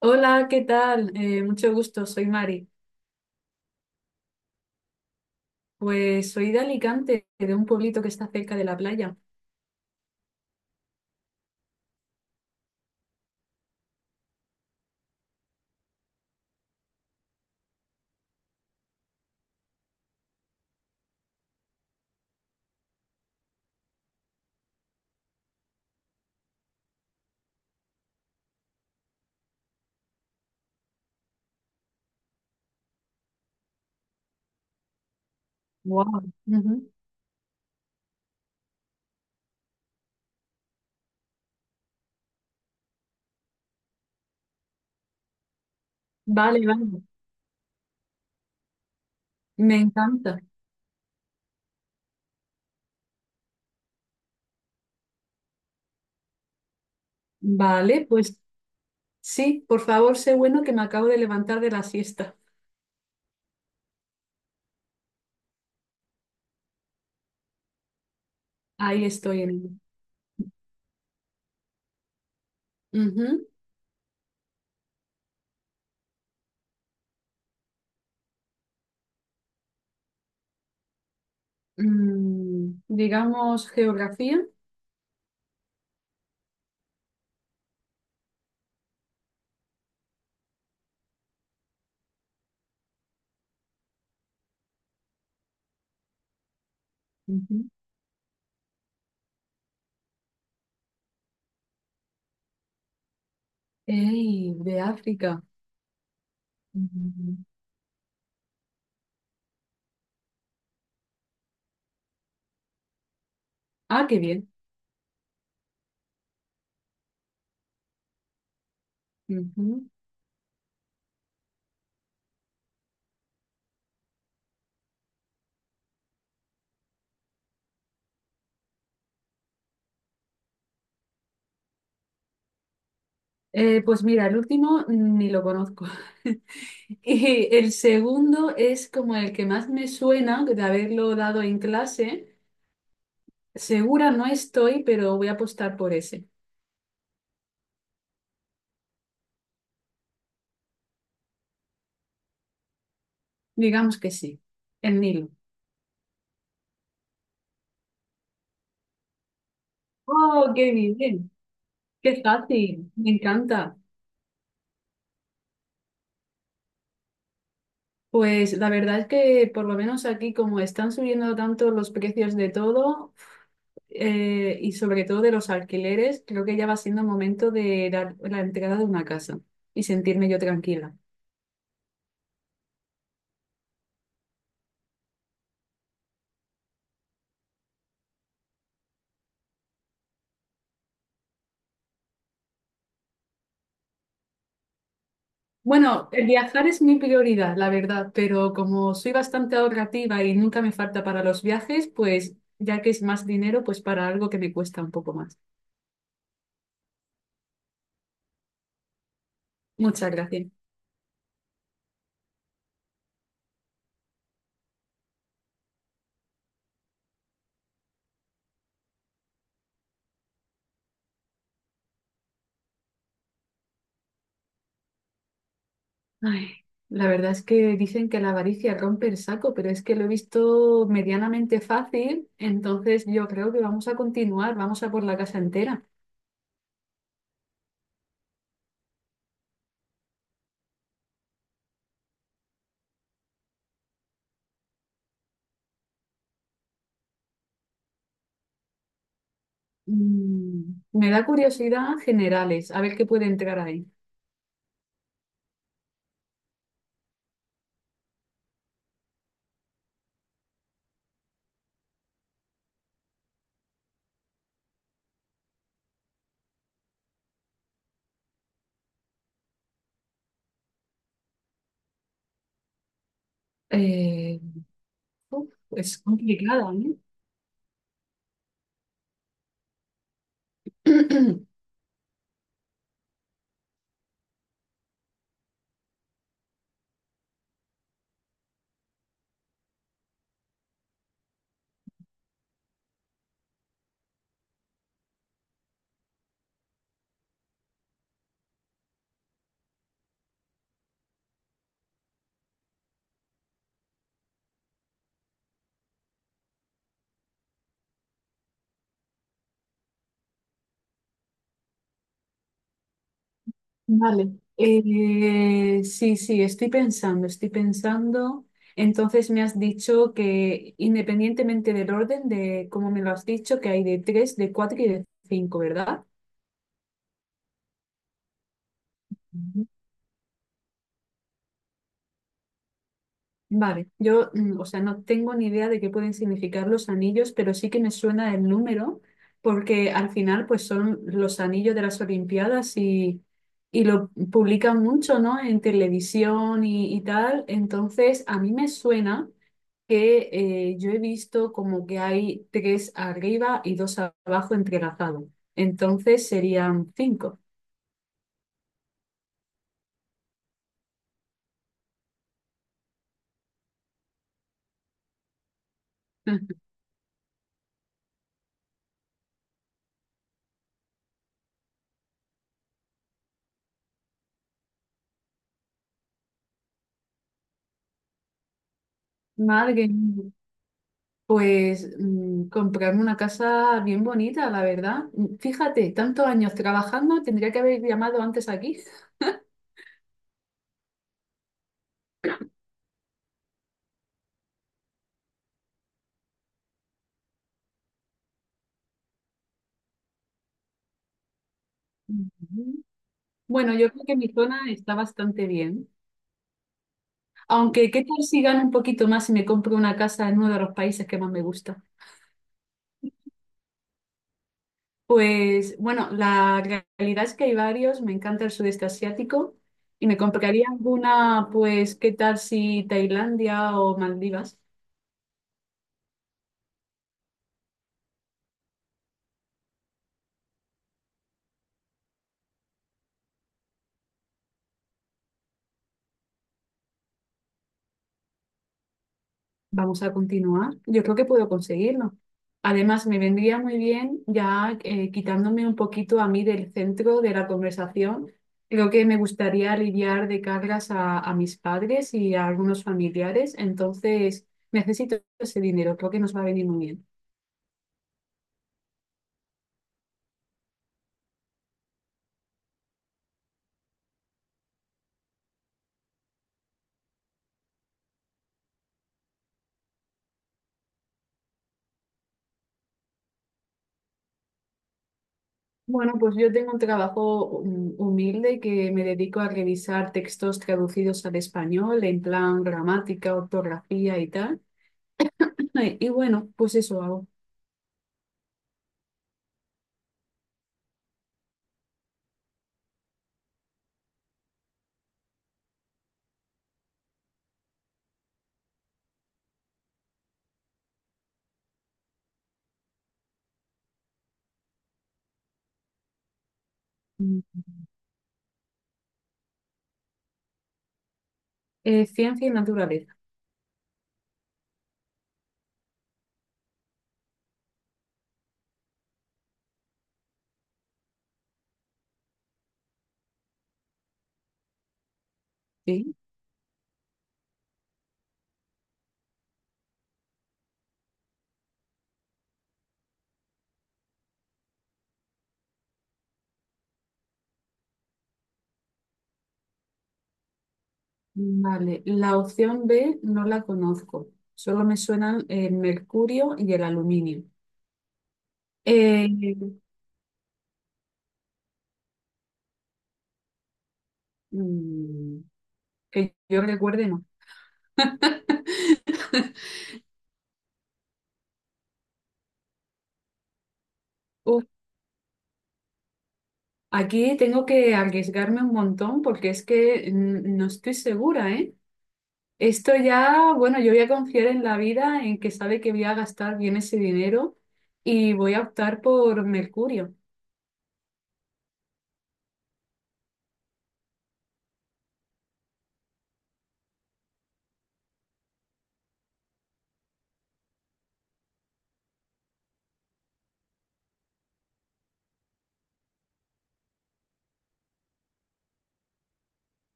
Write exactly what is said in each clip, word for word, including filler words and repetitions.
Hola, ¿qué tal? Eh, mucho gusto, soy Mari. Pues soy de Alicante, de un pueblito que está cerca de la playa. Wow. Vale, vale, me encanta. Vale, pues sí, por favor, sé bueno que me acabo de levantar de la siesta. Ahí estoy en ello. Ujú. Mm, digamos geografía. Ujú. Ey, de África. Ujú. Ah, qué bien. Eh, pues mira, el último ni lo conozco. Y el segundo es como el que más me suena de haberlo dado en clase. Segura no estoy, pero voy a apostar por ese. Digamos que sí, el Nilo. ¡Oh, qué bien! ¡Qué fácil! Me encanta. Pues la verdad es que por lo menos aquí como están subiendo tanto los precios de todo eh, y sobre todo de los alquileres, creo que ya va siendo momento de la la entrada de una casa y sentirme yo tranquila. Bueno, el viajar es mi prioridad, la verdad, pero como soy bastante ahorrativa y nunca me falta para los viajes, pues ya que es más dinero, pues para algo que me cuesta un poco más. Muchas gracias. Ay, la verdad es que dicen que la avaricia rompe el saco, pero es que lo he visto medianamente fácil, entonces yo creo que vamos a continuar, vamos a por la casa entera. Mm, me da curiosidad generales, a ver qué puede entrar ahí. Eh, Uf, es complicada, ¿eh? Vale, Eh, sí, sí, estoy pensando, estoy pensando. Entonces me has dicho que independientemente del orden de cómo me lo has dicho, que hay de tres, de cuatro y de cinco, ¿verdad? Ujú. Vale, yo, mm, o sea, no tengo ni idea de qué pueden significar los anillos, pero sí que me suena el número, porque al final, pues son los anillos de las Olimpiadas y, y lo publican mucho, ¿no? En televisión y, y tal. Entonces, a mí me suena que eh, yo he visto como que hay tres arriba y dos abajo entrelazados. Entonces serían cinco. Madre mía. Pues mm, comprarme una casa bien bonita, la verdad. Mm, Fíjate, tantos años trabajando, tendría que haber llamado antes aquí. Ujú. Bueno, yo creo que mi zona está bastante bien. Aunque, ¿qué tal si gano un poquito más y me compro una casa en uno de los países que más me gusta? Pues bueno, la realidad es que hay varios, me encanta el sudeste asiático y me compraría alguna, pues, ¿qué tal si Tailandia o Maldivas? Vamos a continuar. Yo creo que puedo conseguirlo. Además, me vendría muy bien ya eh, quitándome un poquito a mí del centro de la conversación. Creo que me gustaría aliviar de cargas a, a mis padres y a algunos familiares, entonces necesito ese dinero, creo que nos va a venir muy bien. Bueno, pues yo tengo un trabajo hum- humilde que me dedico a revisar textos traducidos al español en plan gramática, ortografía y tal. Y bueno, pues eso hago. Mm. Eh, ciencia y naturaleza, ¿sí? Vale, la opción B no la conozco. Solo me suenan el mercurio y el aluminio. Eh, mm, que yo recuerde, no. Uf, aquí tengo que arriesgarme un montón porque es que mm, no estoy segura, ¿eh? Esto ya, bueno, yo voy a confiar en la vida, en que sabe que voy a gastar bien ese dinero y voy a optar por Mercurio.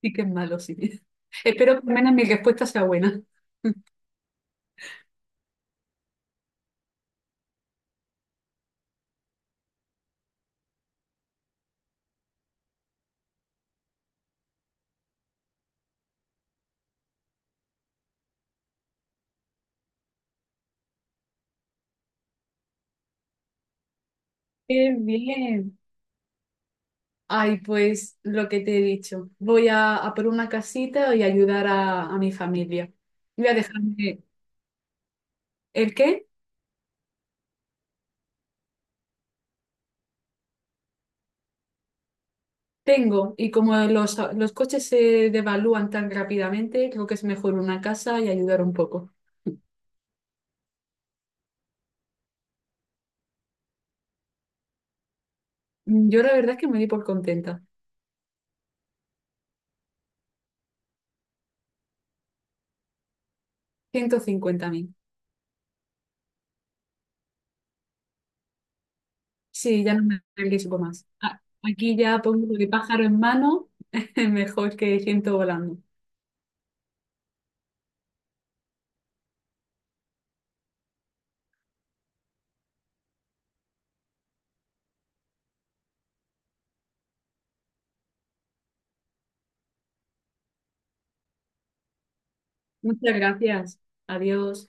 Sí que es malo, sí. Espero que al menos mi respuesta sea buena. ¡Qué bien! Ay, pues lo que te he dicho. Voy a, a por una casita y ayudar a, a mi familia. Voy a dejarme. ¿El qué? Tengo, y como los, los coches se devalúan tan rápidamente, creo que es mejor una casa y ayudar un poco. Mm, Yo la verdad es que me di por contenta. Ciento cincuenta mil. Sí, ya no me arriesgo más. A- Aquí ya pongo de pájaro en mano, mejor que ciento volando. Muchas gracias. Adiós.